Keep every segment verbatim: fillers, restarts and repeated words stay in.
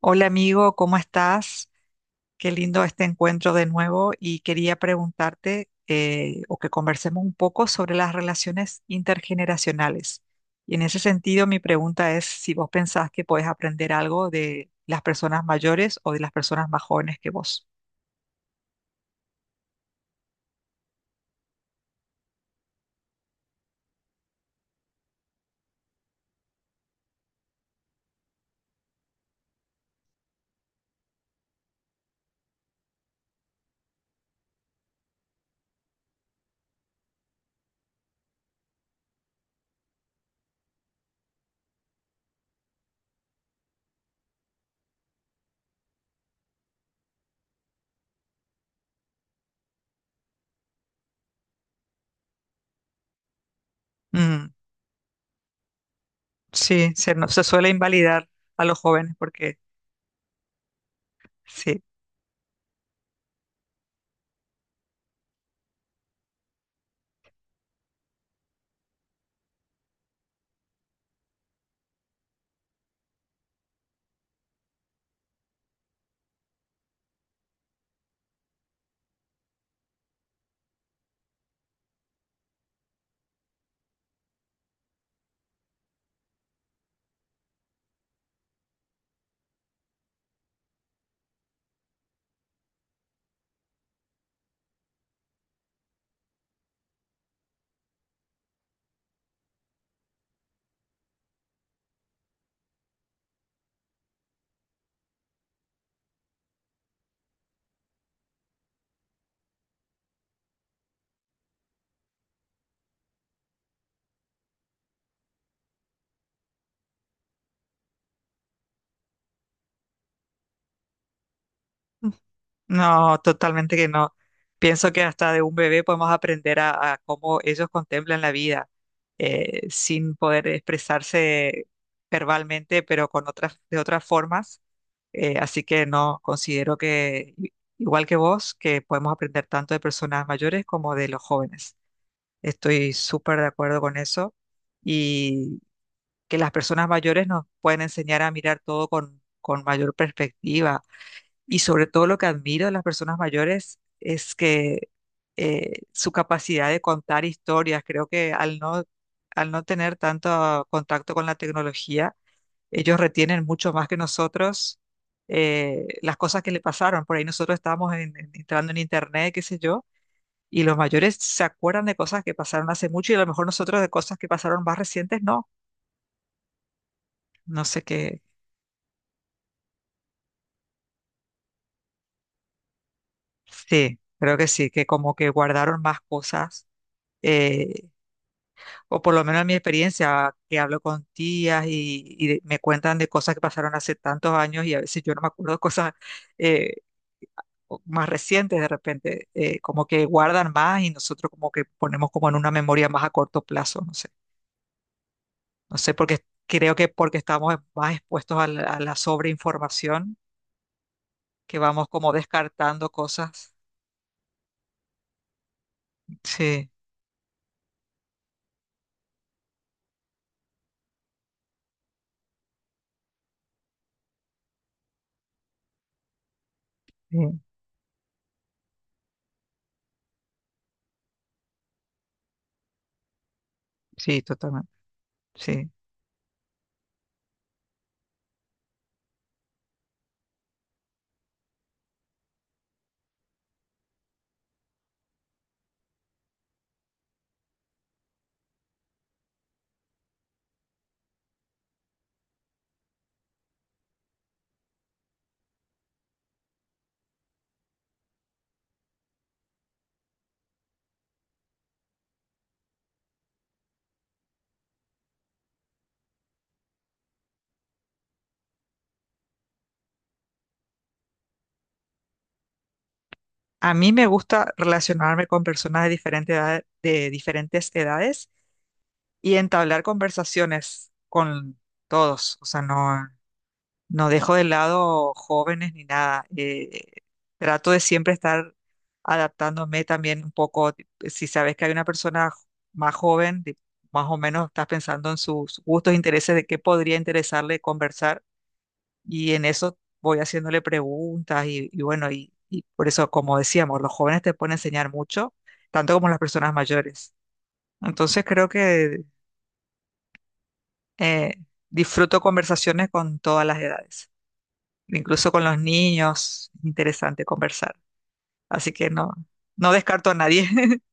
Hola amigo, ¿cómo estás? Qué lindo este encuentro de nuevo y quería preguntarte eh, o que conversemos un poco sobre las relaciones intergeneracionales. Y en ese sentido, mi pregunta es si vos pensás que podés aprender algo de las personas mayores o de las personas más jóvenes que vos. Mm, sí, se, no- se suele invalidar a los jóvenes porque sí. No, totalmente que no. Pienso que hasta de un bebé podemos aprender a, a cómo ellos contemplan la vida, eh, sin poder expresarse verbalmente, pero con otras, de otras formas. Eh, así que no, considero que, i- igual que vos, que podemos aprender tanto de personas mayores como de los jóvenes. Estoy súper de acuerdo con eso y que las personas mayores nos pueden enseñar a mirar todo con, con mayor perspectiva y sobre todo lo que admiro de las personas mayores es que eh, su capacidad de contar historias, creo que al no, al no tener tanto contacto con la tecnología, ellos retienen mucho más que nosotros eh, las cosas que le pasaron. Por ahí nosotros estábamos en- en- entrando en internet, qué sé yo, y los mayores se acuerdan de cosas que pasaron hace mucho y a lo mejor nosotros de cosas que pasaron más recientes, no. No sé qué. Sí, creo que sí, que como que guardaron más cosas. eh, o por lo menos en mi experiencia, que hablo con tías y, y de- me cuentan de cosas que pasaron hace tantos años y a veces yo no me acuerdo de cosas eh, o- más recientes de repente, eh, como que guardan más y nosotros como que ponemos como en una memoria más a corto plazo, no sé, no sé, porque creo que porque estamos más expuestos a la, a la sobreinformación, que vamos como descartando cosas. Sí, sí, sí, totalmente, sí. A mí me gusta relacionarme con personas de diferentes edades, de diferentes edades y entablar conversaciones con todos. O sea, no, no dejo de lado jóvenes ni nada. Eh, trato de siempre estar adaptándome también un poco. ti- Si sabes que hay una persona jo- más joven, de- más o menos estás pensando en sus gustos, intereses, de qué podría interesarle conversar. Y en eso voy haciéndole preguntas y, y bueno, y, y por eso, como decíamos, los jóvenes te pueden enseñar mucho, tanto como las personas mayores. Entonces creo que Eh, disfruto conversaciones con todas las edades, incluso con los niños, interesante conversar. Así que no, no descarto a nadie.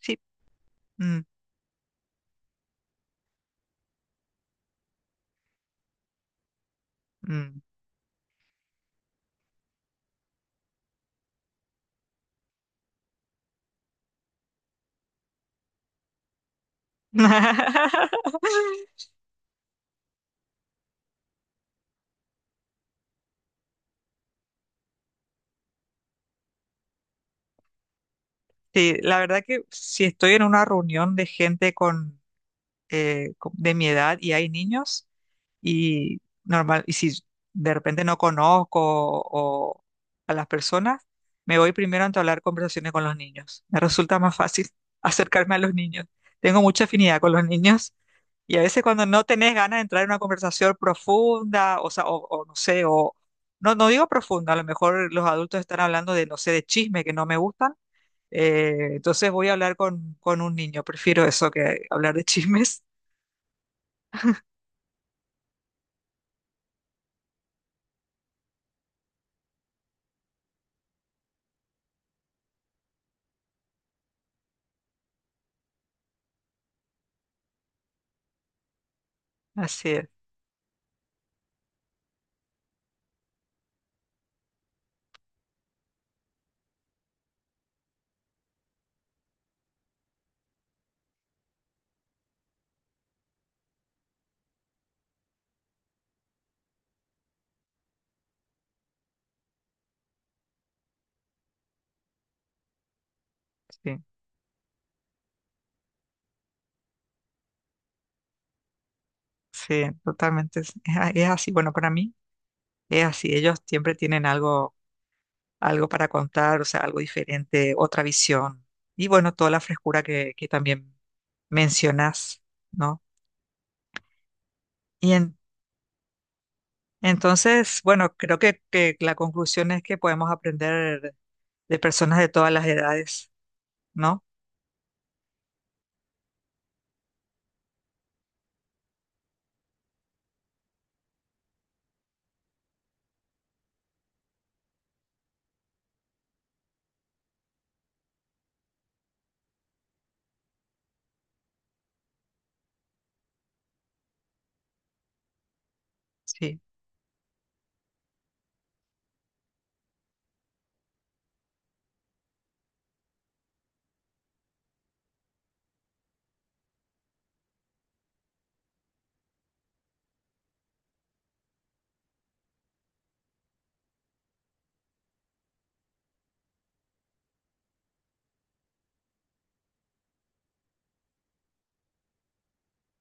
Sí. Mm, mm. Sí, la verdad que si estoy en una reunión de gente con eh, co- de mi edad y hay niños y normal, y si de repente no conozco o a las personas, me voy primero a entablar conversaciones con los niños. Me resulta más fácil acercarme a los niños. Tengo mucha afinidad con los niños y a veces cuando no tenés ganas de entrar en una conversación profunda, o sea, o, o no sé, o no, no digo profunda, a lo mejor los adultos están hablando de, no sé, de chisme que no me gustan. Eh, entonces voy a hablar con, con un niño, prefiero eso que hablar de chismes. Así es, sí, sí, totalmente. Es, es a- es así, bueno, para mí es así. Ellos siempre tienen algo, algo para contar, o sea, algo diferente, otra visión. Y bueno, toda la frescura que, que también mencionas, ¿no? Y en- entonces, bueno, creo que, que la conclusión es que podemos aprender de personas de todas las edades, ¿no? Sí.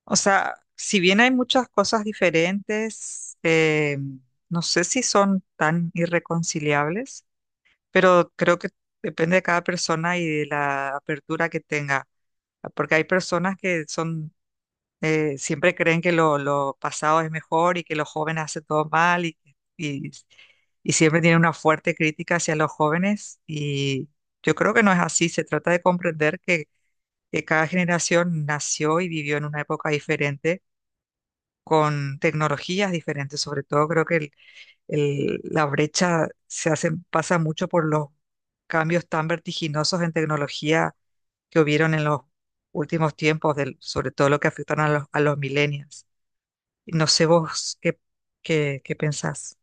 O sea, si bien hay muchas cosas diferentes, eh, no sé si son tan irreconciliables. Pero creo que depende de cada persona y de la apertura que tenga, porque hay personas que son, eh, siempre creen que lo, lo pasado es mejor y que los jóvenes hacen todo mal y, y, y siempre tienen una fuerte crítica hacia los jóvenes y yo creo que no es así, se trata de comprender que, que cada generación nació y vivió en una época diferente, con tecnologías diferentes, sobre todo creo que el- la brecha se hace, pasa mucho por los cambios tan vertiginosos en tecnología que hubieron en los últimos tiempos, del- sobre todo lo que afectan a los, a los millennials. Y no sé vos qué, qué, qué pensás.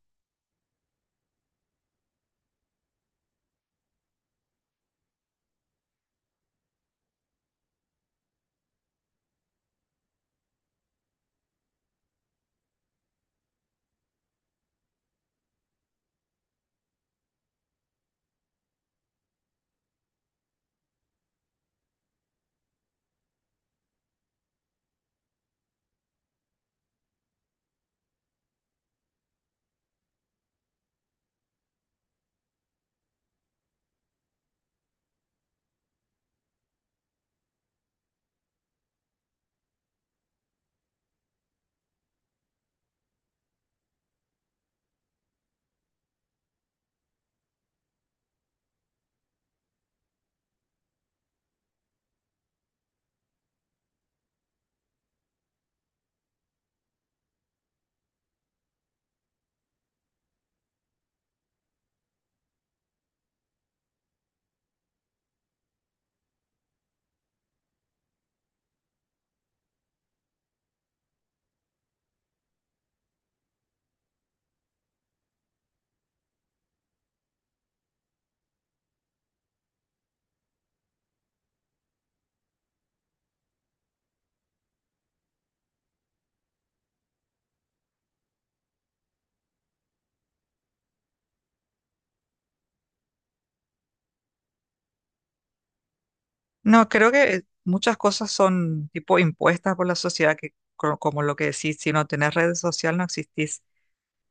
No, creo que muchas cosas son tipo impuestas por la sociedad, que co- como, lo que decís, si no tenés redes sociales no existís.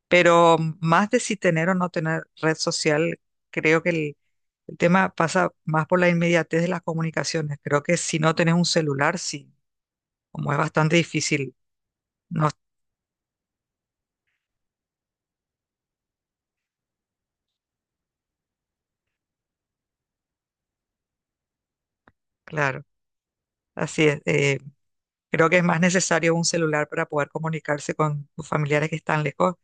Pero más de si tener o no tener red social, creo que el, el tema pasa más por la inmediatez de las comunicaciones. Creo que si no tenés un celular, sí, como es bastante difícil, no, claro, así es. Eh, creo que es más necesario un celular para poder comunicarse con tus familiares que están lejos,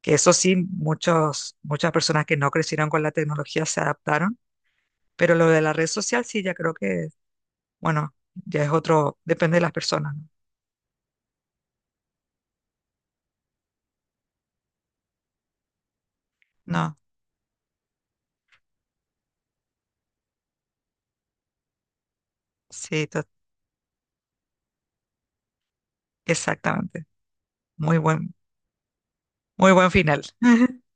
que eso sí, muchos, muchas personas que no crecieron con la tecnología se adaptaron, pero lo de la red social sí, ya creo que, bueno, ya es otro, depende de las personas, ¿no? No, sí, to- exactamente. Muy buen, muy buen final.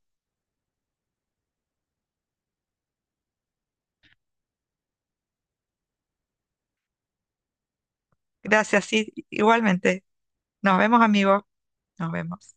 Gracias, sí, igualmente. Nos vemos, amigos. Nos vemos.